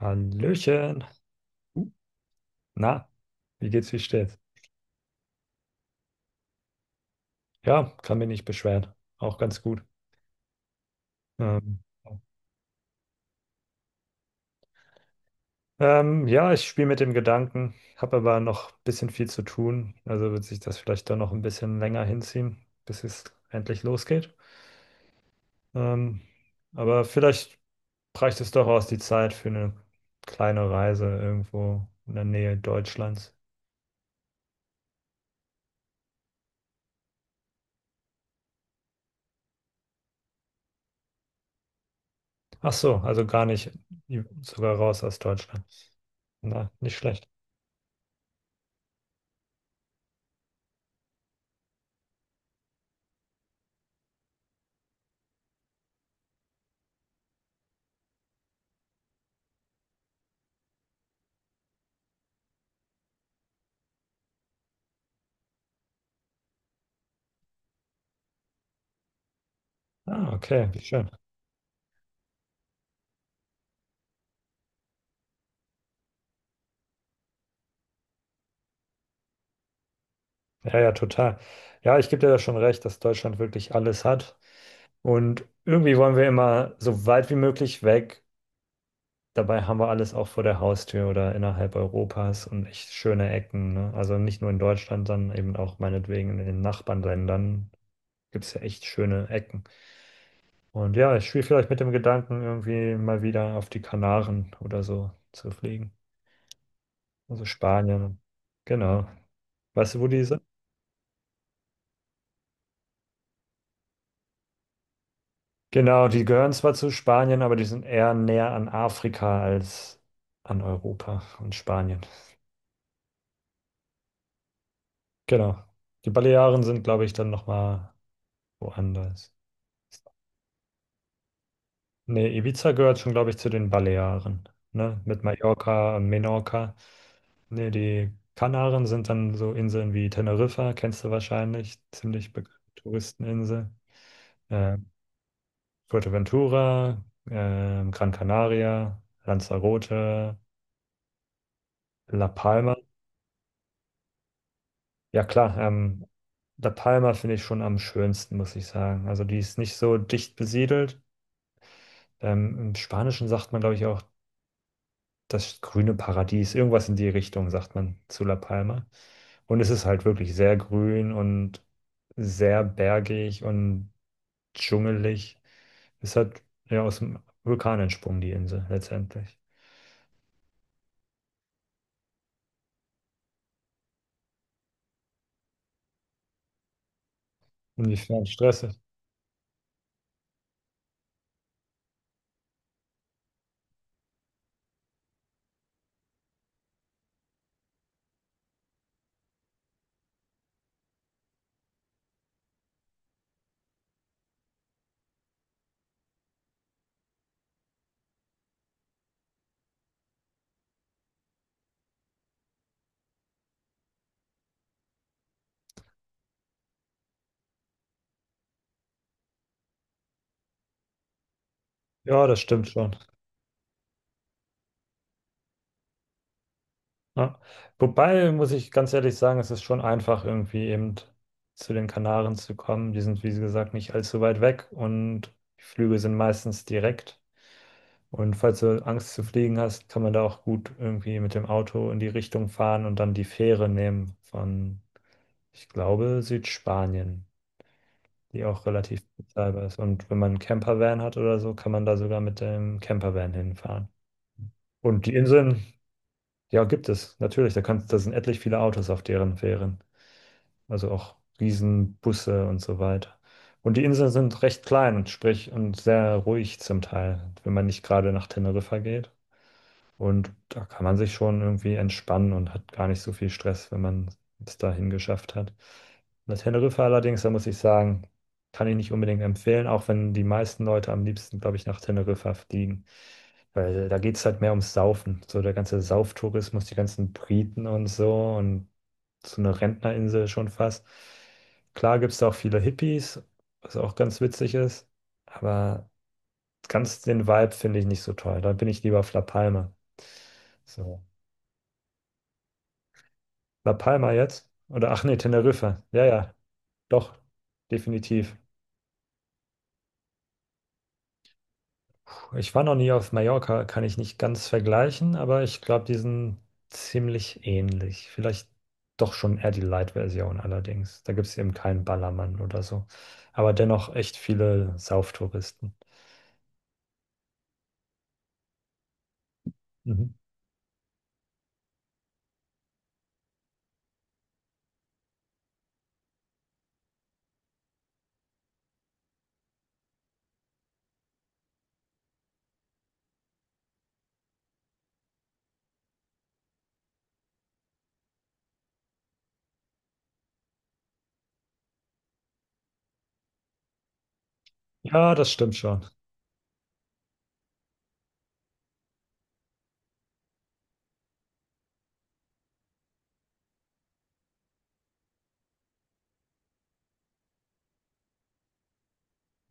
Hallöchen. Uh, Na, wie geht's, wie steht's? Ja, kann mich nicht beschweren. Auch ganz gut. Ähm, ja, ich spiele mit dem Gedanken, habe aber noch ein bisschen viel zu tun. Also wird sich das vielleicht dann noch ein bisschen länger hinziehen, bis es endlich losgeht. Ähm, aber vielleicht reicht es doch aus die Zeit für eine kleine Reise irgendwo in der Nähe Deutschlands. Ach so, also gar nicht, sogar raus aus Deutschland. Na, nicht schlecht. Ah, okay, wie schön. Ja, ja, total. Ja, ich gebe dir da schon recht, dass Deutschland wirklich alles hat. Und irgendwie wollen wir immer so weit wie möglich weg. Dabei haben wir alles auch vor der Haustür oder innerhalb Europas und echt schöne Ecken. Ne? Also nicht nur in Deutschland, sondern eben auch meinetwegen in den Nachbarländern gibt es ja echt schöne Ecken. Und ja, ich spiele vielleicht mit dem Gedanken, irgendwie mal wieder auf die Kanaren oder so zu fliegen. Also Spanien. Genau. Weißt du, wo die sind? Genau, die gehören zwar zu Spanien, aber die sind eher näher an Afrika als an Europa und Spanien. Genau. Die Balearen sind, glaube ich, dann nochmal woanders. Nee, Ibiza gehört schon, glaube ich, zu den Balearen, ne? Mit Mallorca und Menorca. Nee, die Kanaren sind dann so Inseln wie Teneriffa, kennst du wahrscheinlich, ziemlich bekannte Touristeninsel. Äh, Fuerteventura, Gran Canaria, Lanzarote, La Palma. Ja, klar. La Palma finde ich schon am schönsten, muss ich sagen. Also die ist nicht so dicht besiedelt. Im Spanischen sagt man, glaube ich, auch das grüne Paradies. Irgendwas in die Richtung sagt man zu La Palma. Und es ist halt wirklich sehr grün und sehr bergig und dschungelig. Es hat ja aus dem Vulkan entsprungen, die Insel, letztendlich. Inwiefern stressig. Ja, das stimmt schon. Ja. Wobei, muss ich ganz ehrlich sagen, es ist schon einfach, irgendwie eben zu den Kanaren zu kommen. Die sind, wie gesagt, nicht allzu weit weg und die Flüge sind meistens direkt. Und falls du Angst zu fliegen hast, kann man da auch gut irgendwie mit dem Auto in die Richtung fahren und dann die Fähre nehmen von, ich glaube, Südspanien, die auch relativ bezahlbar ist. Und wenn man einen Campervan hat oder so, kann man da sogar mit dem Campervan hinfahren. Und die Inseln, ja, gibt es natürlich. Da sind etlich viele Autos auf deren Fähren. Also auch Riesenbusse und so weiter. Und die Inseln sind recht klein sprich und sehr ruhig zum Teil, wenn man nicht gerade nach Teneriffa geht. Und da kann man sich schon irgendwie entspannen und hat gar nicht so viel Stress, wenn man es dahin geschafft hat. Na, Teneriffa allerdings, da muss ich sagen, kann ich nicht unbedingt empfehlen, auch wenn die meisten Leute am liebsten, glaube ich, nach Teneriffa fliegen. Weil da geht es halt mehr ums Saufen. So der ganze Sauftourismus, die ganzen Briten und so eine Rentnerinsel schon fast. Klar gibt es da auch viele Hippies, was auch ganz witzig ist, aber ganz den Vibe finde ich nicht so toll. Da bin ich lieber auf La Palma. So. La Palma jetzt? Oder ach nee, Teneriffa. Ja, ja, doch, definitiv. Puh, ich war noch nie auf Mallorca, kann ich nicht ganz vergleichen, aber ich glaube, die sind ziemlich ähnlich. Vielleicht doch schon eher die Light-Version allerdings. Da gibt es eben keinen Ballermann oder so. Aber dennoch echt viele Sauftouristen. Mhm. Ja, das stimmt schon.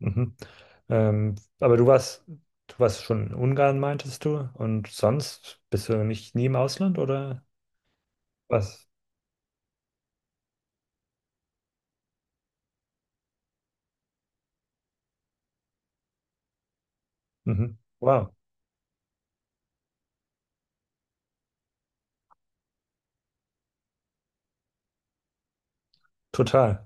Mhm. Aber du warst schon in Ungarn, meintest du? Und sonst bist du nicht nie im Ausland oder was? Mhm. Wow, total.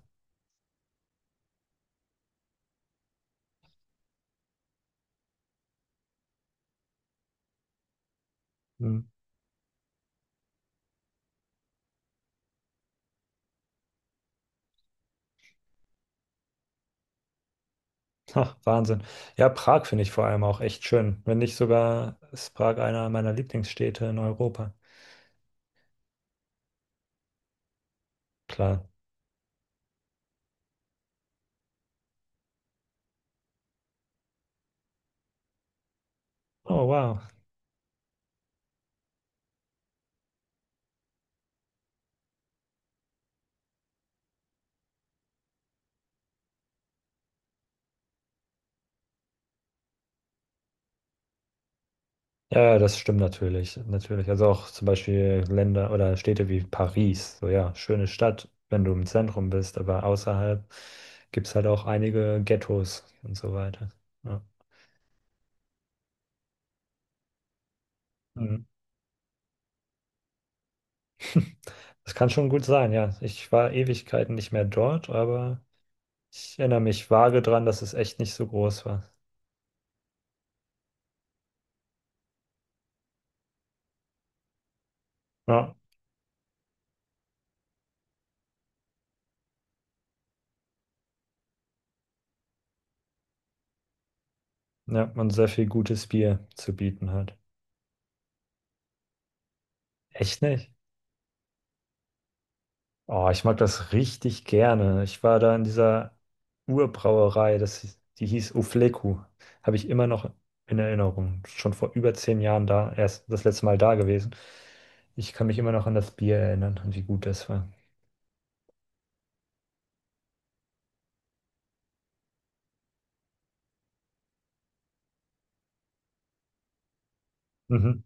Mhm. Ach, Wahnsinn. Ja, Prag finde ich vor allem auch echt schön. Wenn nicht sogar ist Prag einer meiner Lieblingsstädte in Europa. Klar. Oh, wow. Ja, das stimmt natürlich, natürlich. Also auch zum Beispiel Länder oder Städte wie Paris. So ja, schöne Stadt, wenn du im Zentrum bist, aber außerhalb gibt es halt auch einige Ghettos und so weiter. Ja. Mhm. Das kann schon gut sein, ja. Ich war Ewigkeiten nicht mehr dort, aber ich erinnere mich vage dran, dass es echt nicht so groß war. Ja, ja, und sehr viel gutes Bier zu bieten hat. Echt nicht? Oh, ich mag das richtig gerne. Ich war da in dieser Urbrauerei, die hieß Ufleku. Habe ich immer noch in Erinnerung. Schon vor über 10 Jahren da, erst das letzte Mal da gewesen. Ich kann mich immer noch an das Bier erinnern und wie gut das war. Mhm.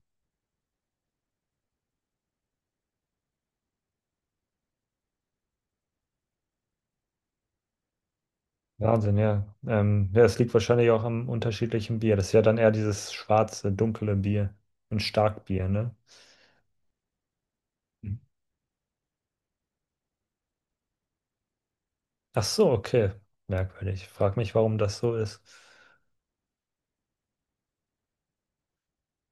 Wahnsinn, ja. Ja, es liegt wahrscheinlich auch am unterschiedlichen Bier. Das ist ja dann eher dieses schwarze, dunkle Bier. Ein Starkbier, ne? Mhm. Ach so, okay. Merkwürdig. Frag mich, warum das so ist.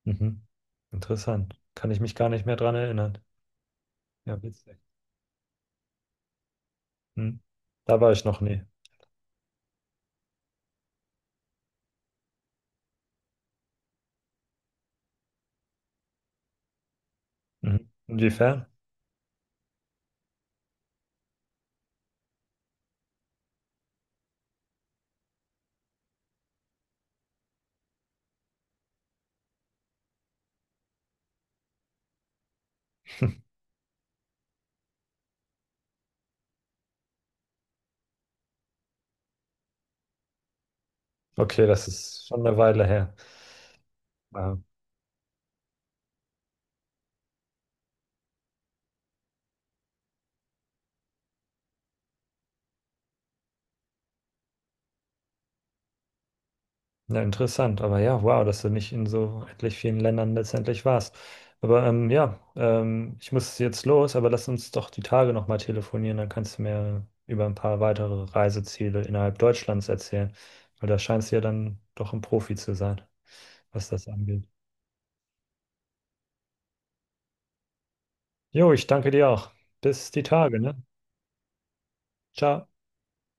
Mhm. Interessant. Kann ich mich gar nicht mehr dran erinnern. Ja, witzig. Hm. Da war ich noch nie. Mhm. Inwiefern? Okay, das ist schon eine Weile her. Ah, ja, interessant. Aber ja, wow, dass du nicht in so etlich vielen Ländern letztendlich warst. Aber ja, ich muss jetzt los, aber lass uns doch die Tage nochmal telefonieren. Dann kannst du mir über ein paar weitere Reiseziele innerhalb Deutschlands erzählen. Weil da scheinst du ja dann doch ein Profi zu sein, was das angeht. Jo, ich danke dir auch. Bis die Tage, ne? Ciao.